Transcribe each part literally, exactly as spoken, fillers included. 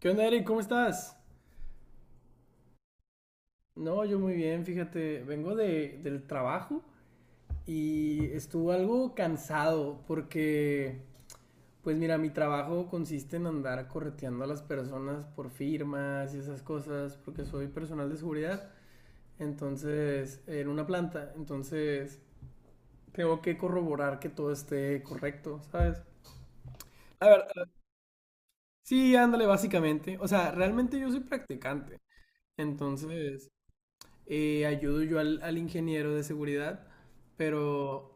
¿Qué onda, Eric? ¿Cómo estás? No, yo muy bien, fíjate, vengo de, del trabajo y estuve algo cansado porque, pues mira, mi trabajo consiste en andar correteando a las personas por firmas y esas cosas, porque soy personal de seguridad, entonces, en una planta, entonces tengo que corroborar que todo esté correcto, ¿sabes? A ver, sí, ándale, básicamente. O sea, realmente yo soy practicante. Entonces, eh, ayudo yo al, al ingeniero de seguridad, pero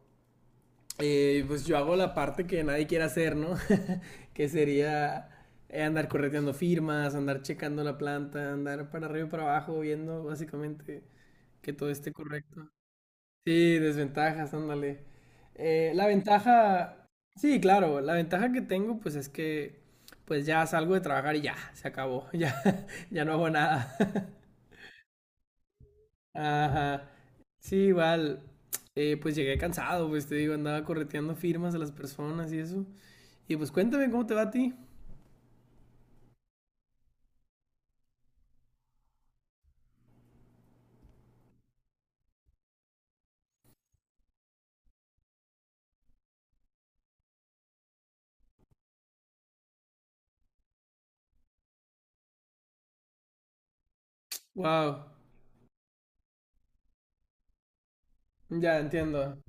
eh, pues yo hago la parte que nadie quiere hacer, ¿no? Que sería eh, andar correteando firmas, andar checando la planta, andar para arriba y para abajo, viendo básicamente que todo esté correcto. Sí, desventajas, ándale. Eh, la ventaja, sí, claro, la ventaja que tengo pues es que pues ya salgo de trabajar y ya, se acabó, ya, ya no hago nada. Ajá. Sí, igual. eh, pues llegué cansado, pues te digo, andaba correteando firmas a las personas y eso. Y pues cuéntame cómo te va a ti. Wow. Ya entiendo.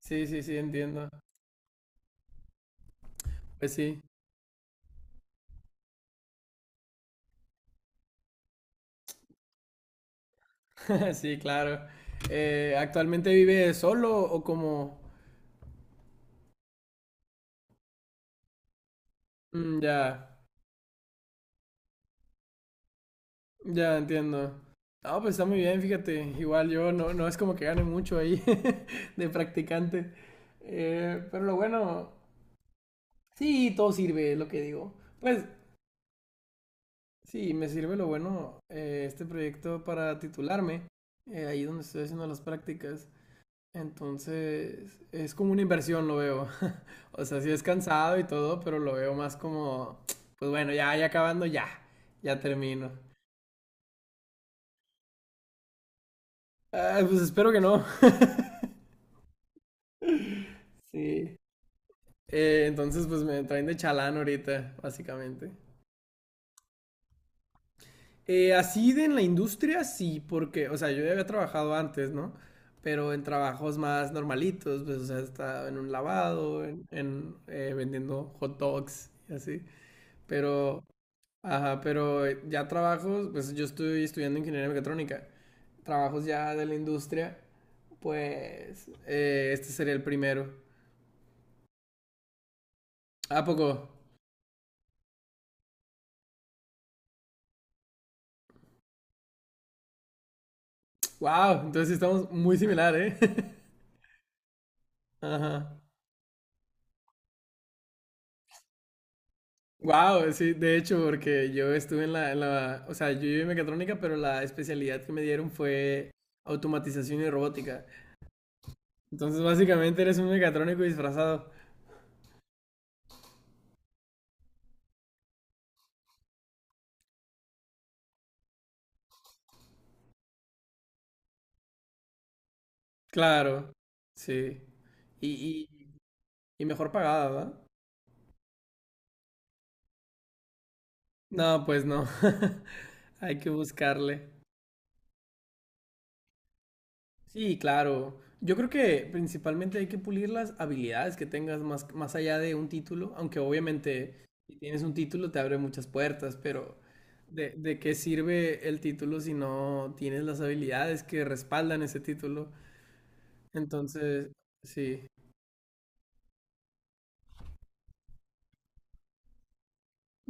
Sí, sí, sí, entiendo. Pues sí. Sí, claro. Eh, ¿actualmente vive solo o como? Mm, ya, ya entiendo. No, pues está muy bien, fíjate. Igual yo no, no es como que gane mucho ahí de practicante. Eh, pero lo bueno, sí, todo sirve, es lo que digo. Pues sí, me sirve lo bueno, eh, este proyecto para titularme, eh, ahí donde estoy haciendo las prácticas. Entonces, es como una inversión, lo veo. O sea, sí es cansado y todo, pero lo veo más como, pues bueno, ya, ya acabando, ya, ya termino. Ah, pues espero que no. Sí. Eh, entonces, pues me traen de chalán ahorita, básicamente. Eh, así de en la industria, sí, porque, o sea, yo ya había trabajado antes, ¿no? Pero en trabajos más normalitos, pues, o sea, estaba en un lavado, en, en, eh, vendiendo hot dogs y así. Pero, ajá, pero ya trabajos, pues yo estoy estudiando ingeniería mecatrónica. Trabajos ya de la industria, pues, eh, este sería el primero. ¿A poco? ¡Wow! Entonces sí estamos muy similar, ¿eh? Ajá. Wow, sí, de hecho, porque yo estuve en la, en la- o sea, yo llevé mecatrónica, pero la especialidad que me dieron fue automatización y robótica. Entonces, básicamente eres un mecatrónico disfrazado. Claro, sí. Y, y, y mejor pagada, ¿verdad? No, pues no. Hay que buscarle. Sí, claro. Yo creo que principalmente hay que pulir las habilidades que tengas más, más allá de un título, aunque obviamente si tienes un título te abre muchas puertas, pero ¿de, de qué sirve el título si no tienes las habilidades que respaldan ese título? Entonces, sí.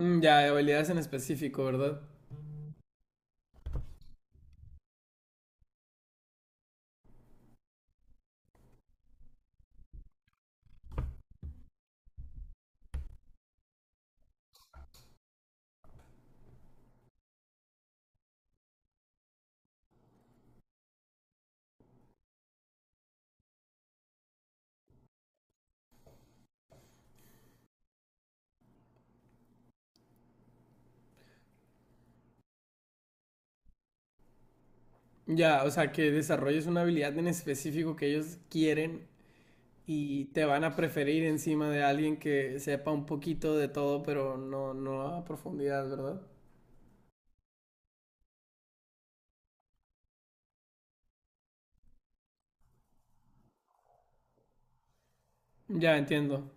Mm, ya, habilidades en específico, ¿verdad? Ya, o sea, que desarrolles una habilidad en específico que ellos quieren y te van a preferir encima de alguien que sepa un poquito de todo, pero no, no a profundidad, ¿verdad? Ya entiendo.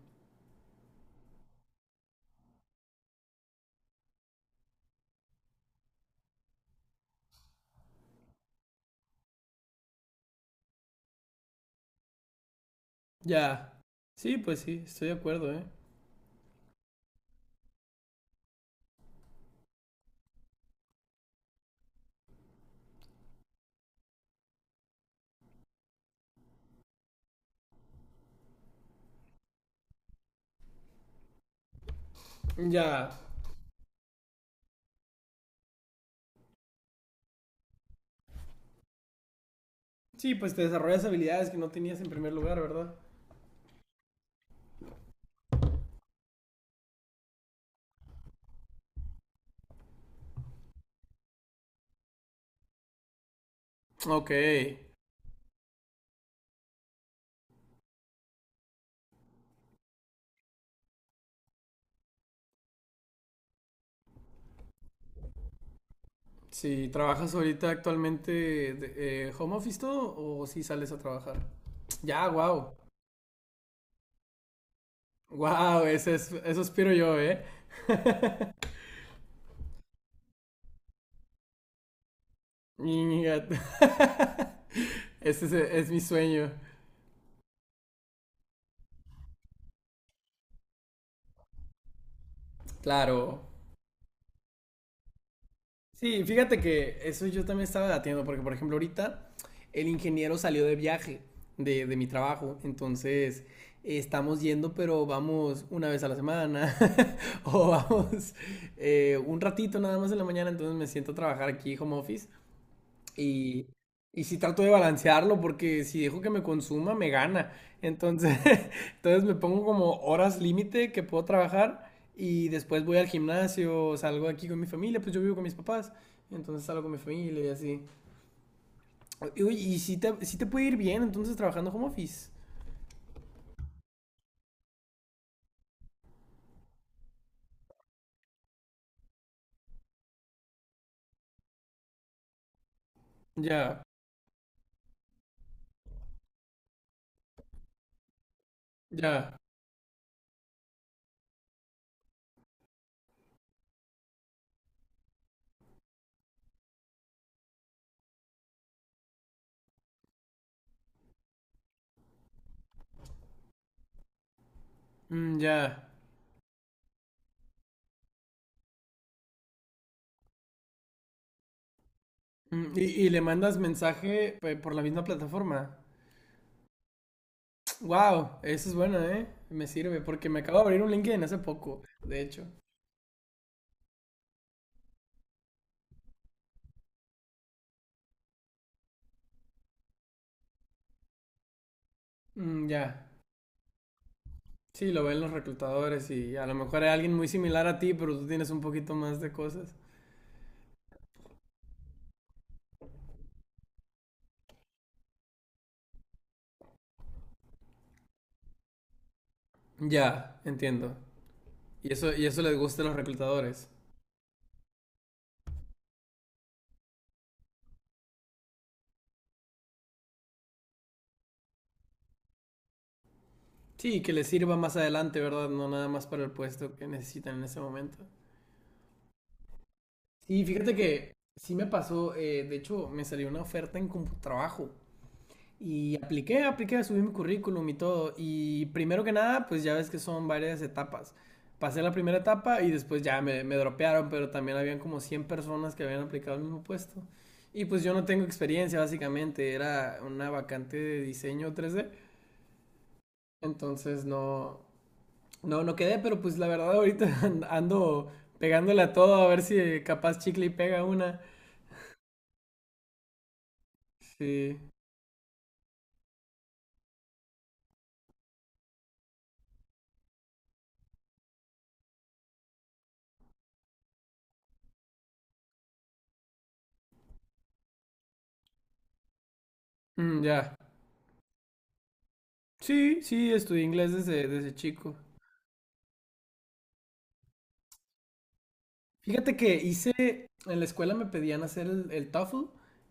Ya. Sí, pues sí, estoy de acuerdo, ¿eh? Ya. Sí, pues te desarrollas habilidades que no tenías en primer lugar, ¿verdad? Ok. Si trabajas ahorita actualmente de- eh, home office todo o si sales a trabajar. Ya, wow. Wow, ese es, eso aspiro yo, ¿eh? Ñiñiga. Ese es, es mi sueño. Claro. Sí, fíjate que eso yo también estaba debatiendo, porque por ejemplo ahorita el ingeniero salió de viaje de, de mi trabajo, entonces eh, estamos yendo, pero vamos una vez a la semana, o vamos eh, un ratito nada más en la mañana, entonces me siento a trabajar aquí home office y, y sí trato de balancearlo porque si dejo que me consuma, me gana. Entonces, entonces me pongo como horas límite que puedo trabajar y después voy al gimnasio, salgo aquí con mi familia, pues yo vivo con mis papás, entonces salgo con mi familia y así. Y, oye, y si te, si te, puede ir bien, entonces trabajando home office. Ya, ya, mm, ya. Mm, y, y le mandas mensaje pues, por la misma plataforma. Wow, eso es bueno, ¿eh? Me sirve porque me acabo de abrir un LinkedIn hace poco, de hecho. Mm, ya. Sí, lo ven los reclutadores y a lo mejor hay alguien muy similar a ti, pero tú tienes un poquito más de cosas. Ya, entiendo. Y eso, y eso les gusta a los reclutadores. Sí, que les sirva más adelante, ¿verdad? No nada más para el puesto que necesitan en ese momento. Sí, fíjate que sí me pasó, eh, de hecho me salió una oferta en CompuTrabajo. Y apliqué, apliqué, subí mi currículum y todo. Y primero que nada, pues ya ves que son varias etapas. Pasé la primera etapa y después ya me, me dropearon, pero también habían como cien personas que habían aplicado el mismo puesto. Y pues yo no tengo experiencia, básicamente. Era una vacante de diseño tres D. Entonces no, no, no quedé, pero pues la verdad ahorita an- ando pegándole a todo a ver si capaz chicle y pega una. Sí. Mm, ya. Sí, sí, estudié inglés desde, desde chico. Fíjate que hice, en la escuela me pedían hacer el, el TOEFL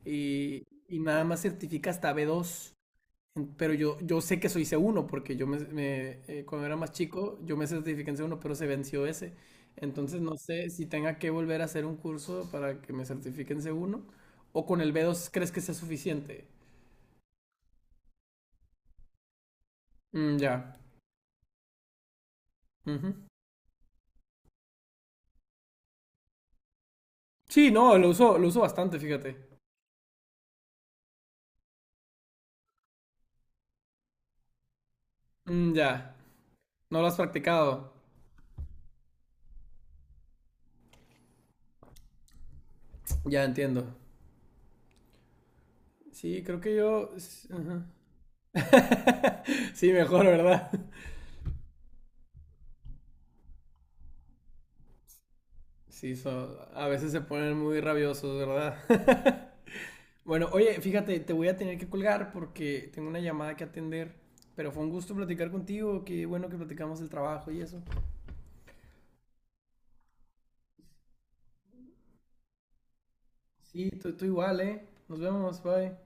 y, y nada más certifica hasta b dos en- pero yo, yo, sé que soy C uno porque yo me, me, eh, cuando era más chico yo me certifiqué en c uno pero se venció ese. Entonces no sé si tenga que volver a hacer un curso para que me certifiquen c uno o con el b dos crees que sea suficiente. Mm, ya. Ujú. Sí, no, lo uso, lo uso bastante, fíjate. Mm, ya. No lo has practicado. Ya entiendo. Sí, creo que yo... s- ajá. Sí, mejor, ¿verdad? Sí, so- a veces se ponen muy rabiosos, ¿verdad? Bueno, oye, fíjate, te voy a tener que colgar porque tengo una llamada que atender, pero fue un gusto platicar contigo, qué bueno que platicamos el trabajo y eso. Sí, tú, tú, igual, ¿eh? Nos vemos, bye.